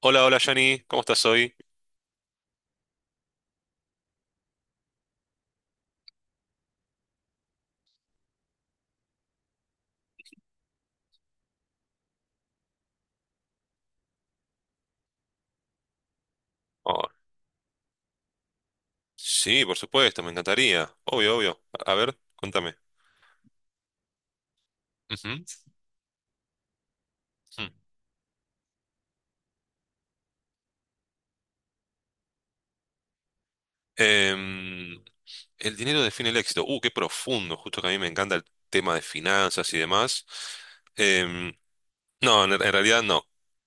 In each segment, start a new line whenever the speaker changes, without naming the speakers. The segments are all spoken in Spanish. Hola, hola Johnny, ¿cómo estás hoy? Oh, sí, por supuesto, me encantaría. Obvio, obvio. A ver, contame. Ujú. Mm. Em, el dinero define el éxito. Qué profundo, justo que a mí me encanta el tema de finanzas y demás. Em, no, en realidad no.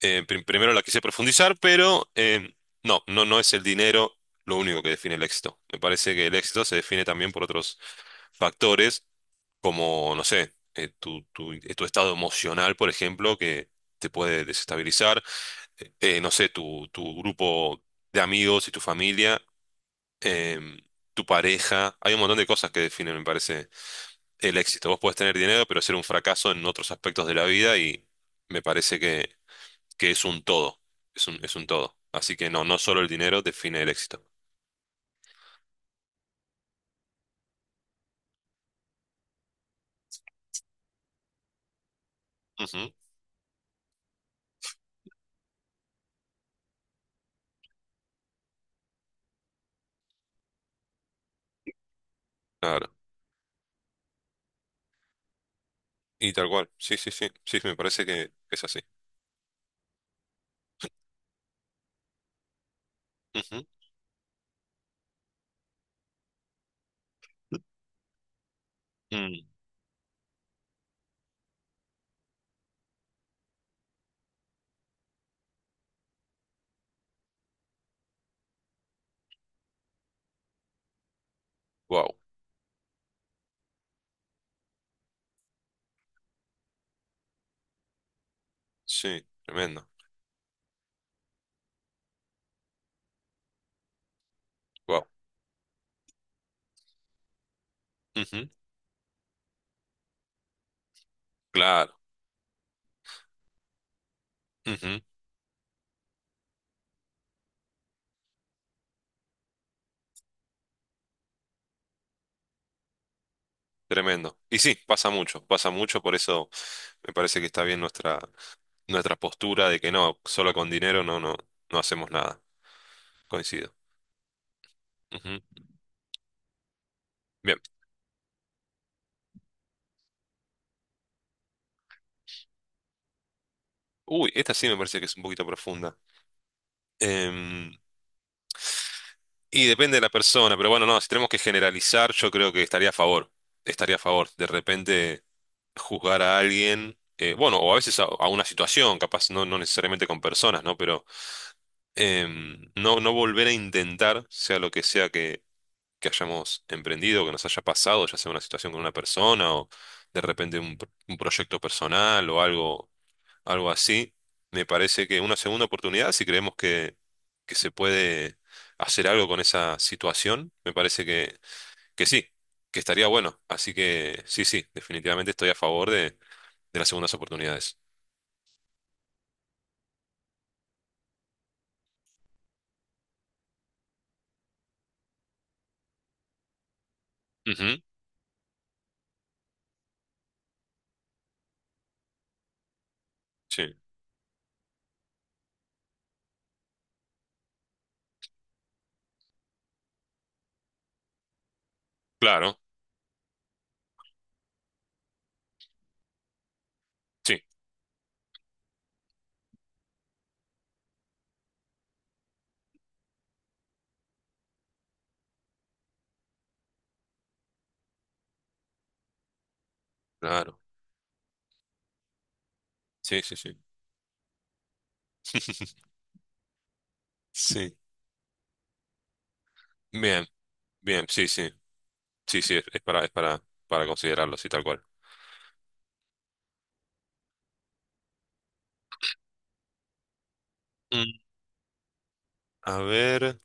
Primero la quise profundizar, pero no, no, no es el dinero lo único que define el éxito. Me parece que el éxito se define también por otros factores como, no sé, tu estado emocional, por ejemplo, que te puede desestabilizar, no sé, tu grupo de amigos y tu familia, em, tu pareja, hay un montón de cosas que definen, me parece, el éxito. Vos podés tener dinero, pero ser un fracaso en otros aspectos de la vida y me parece que, es un todo, es un todo. Así que no, no solo el dinero define el éxito. Ujú. Claro. Y tal cual, sí, sí, sí, sí, me parece que es así. Ujú. Mm. Guau. Sí, tremendo. Wow. Ujú. Claro. Ujú. Tremendo. Y sí, pasa mucho, por eso me parece que está bien nuestra, postura de que no, solo con dinero no, no, no hacemos nada. Coincido. Ujú. Bien. Uy, esta sí me parece que es un poquito profunda. Em, y depende de la persona, pero bueno, no, si tenemos que generalizar, yo creo que estaría a favor. Estaría a favor. De repente juzgar a alguien, bueno, o a veces a una situación, capaz, no, no necesariamente con personas, ¿no? Pero no, no volver a intentar, sea lo que sea que, hayamos emprendido, que nos haya pasado, ya sea una situación con una persona o de repente un proyecto personal o algo, algo así, me parece que una segunda oportunidad, si creemos que, se puede hacer algo con esa situación, me parece que, sí, que estaría bueno. Así que sí, sí, definitivamente estoy a favor de las segundas oportunidades. Ujú, sí, claro, sí, claro, sí, sí, sí. Sí. Bien. Bien, sí, sí. Sí, sí, es para, para considerarlo, sí, tal cual. Mm. A ver.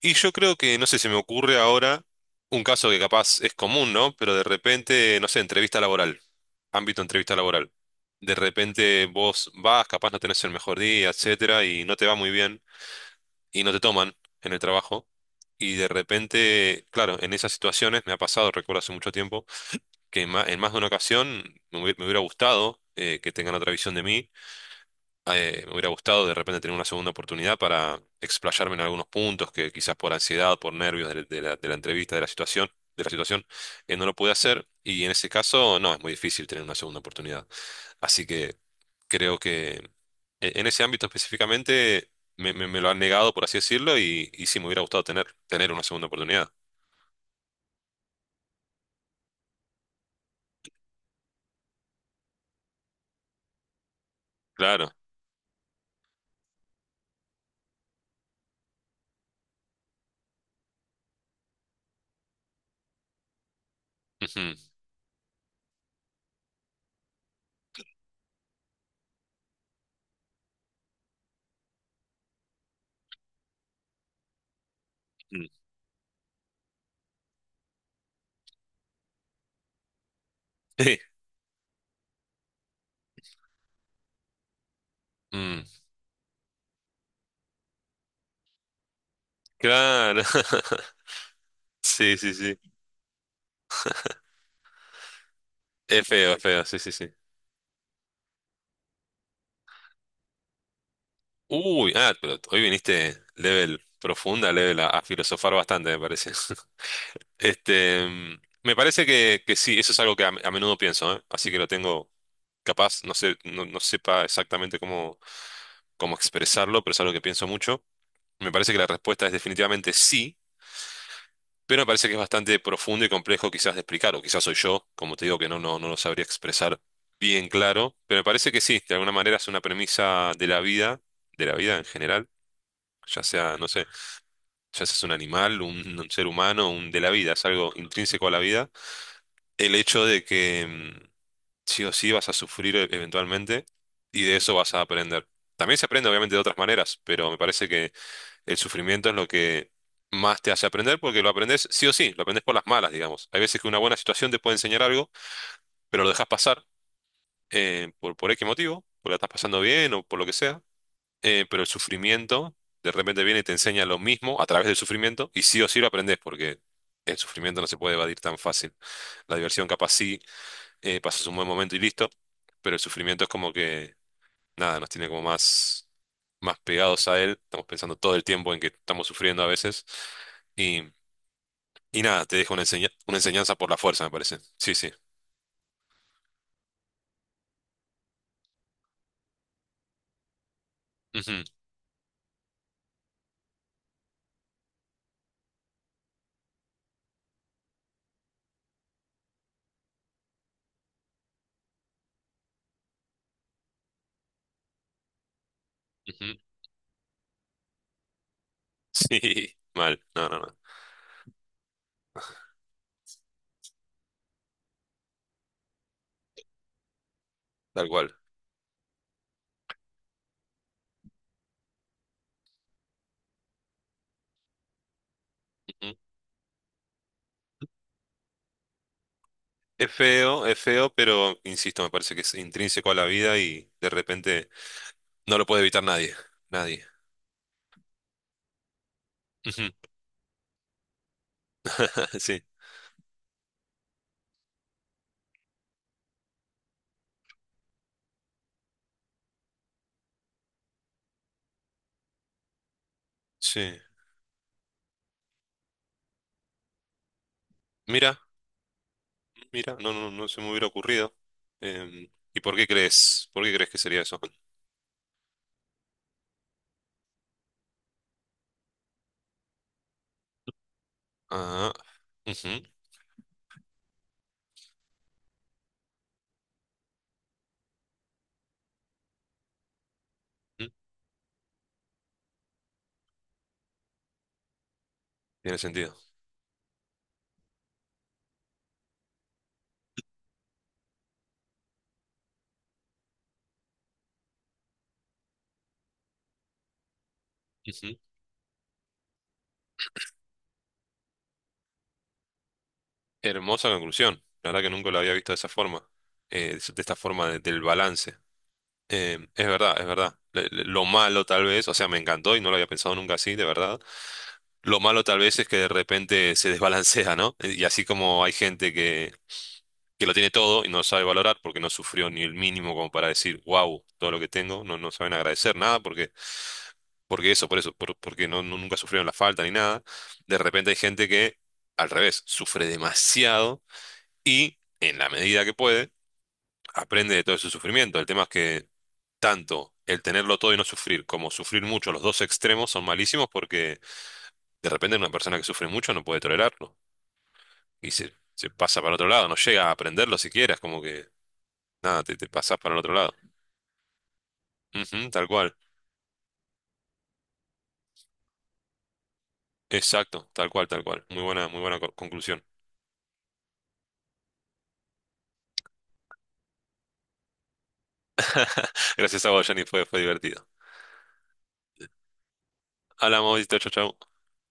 Y yo creo que, no sé, se me ocurre ahora un caso que capaz es común, ¿no? Pero de repente, no sé, entrevista laboral, ámbito entrevista laboral. De repente vos vas, capaz no tenés el mejor día, etcétera, y no te va muy bien, y no te toman en el trabajo. Y de repente, claro, en esas situaciones me ha pasado, recuerdo hace mucho tiempo, que en más, de una ocasión me hubiera gustado, que tengan otra visión de mí. Me hubiera gustado de repente tener una segunda oportunidad para explayarme en algunos puntos que quizás por ansiedad, por nervios de la entrevista, de la situación, de la situación, no lo pude hacer. Y en ese caso, no, es muy difícil tener una segunda oportunidad. Así que creo que en ese ámbito específicamente me lo han negado, por así decirlo, y, sí, me hubiera gustado tener, una segunda oportunidad. Claro. Ujú. Mm. Sí. Mm. Claro. Sí, sí, sí. Es feo, sí, sí, sí. Uy, ah, pero hoy viniste level profunda, level a filosofar bastante, me parece. Me parece que, sí, eso es algo que a menudo pienso, ¿eh? Así que lo tengo capaz, no sé, no sepa exactamente cómo, expresarlo, pero es algo que pienso mucho. Me parece que la respuesta es definitivamente sí, pero me parece que es bastante profundo y complejo quizás de explicar, o quizás soy yo, como te digo, que no, no, no lo sabría expresar bien claro, pero me parece que sí, de alguna manera es una premisa de la vida en general, ya sea, no sé, ya seas un animal, un ser humano, un de la vida, es algo intrínseco a la vida, el hecho de que sí o sí vas a sufrir eventualmente y de eso vas a aprender. También se aprende obviamente de otras maneras, pero me parece que el sufrimiento es lo que más te hace aprender porque lo aprendes sí o sí, lo aprendes por las malas, digamos. Hay veces que una buena situación te puede enseñar algo, pero lo dejas pasar, por X motivo, porque la estás pasando bien o por lo que sea. Pero el sufrimiento de repente viene y te enseña lo mismo a través del sufrimiento y sí o sí lo aprendes porque el sufrimiento no se puede evadir tan fácil. La diversión capaz sí, pasas un buen momento y listo, pero el sufrimiento es como que, nada, nos tiene como más, pegados a él, estamos pensando todo el tiempo en que estamos sufriendo a veces y, nada, te deja una enseñanza por la fuerza, me parece. Sí, sí. Ujú, ujú. Sí, mal, no, no, no, tal cual. Es feo, pero insisto, me parece que es intrínseco a la vida y de repente no lo puede evitar nadie. Nadie. Ujú. Sí, sí. Mira, mira, no, no, no se me hubiera ocurrido. ¿Y por qué crees? ¿Por qué crees que sería eso? Ah, ujú, ujú. Tiene sentido. Ujú. Hermosa conclusión. La verdad que nunca lo había visto de esa forma. De esta forma del balance. Es verdad, es verdad. Lo malo tal vez, o sea, me encantó y no lo había pensado nunca así, de verdad. Lo malo tal vez es que de repente se desbalancea, ¿no? Y así como hay gente que, lo tiene todo y no sabe valorar porque no sufrió ni el mínimo como para decir, wow, todo lo que tengo, no, no saben agradecer nada porque, eso, por eso, por- porque no, no- nunca sufrieron la falta ni nada. De repente hay gente que, al revés, sufre demasiado y, en la medida que puede, aprende de todo ese sufrimiento. El tema es que tanto el tenerlo todo y no sufrir como sufrir mucho, los dos extremos son malísimos porque de repente una persona que sufre mucho no puede tolerarlo. Y se pasa para el otro lado, no llega a aprenderlo siquiera, es como que nada, te pasas para el otro lado. Ujú, tal cual, exacto, tal cual, tal cual. Muy buena conclusión. Gracias a vos, Jenny, fue, divertido. Hablamos, chau, chau, chau.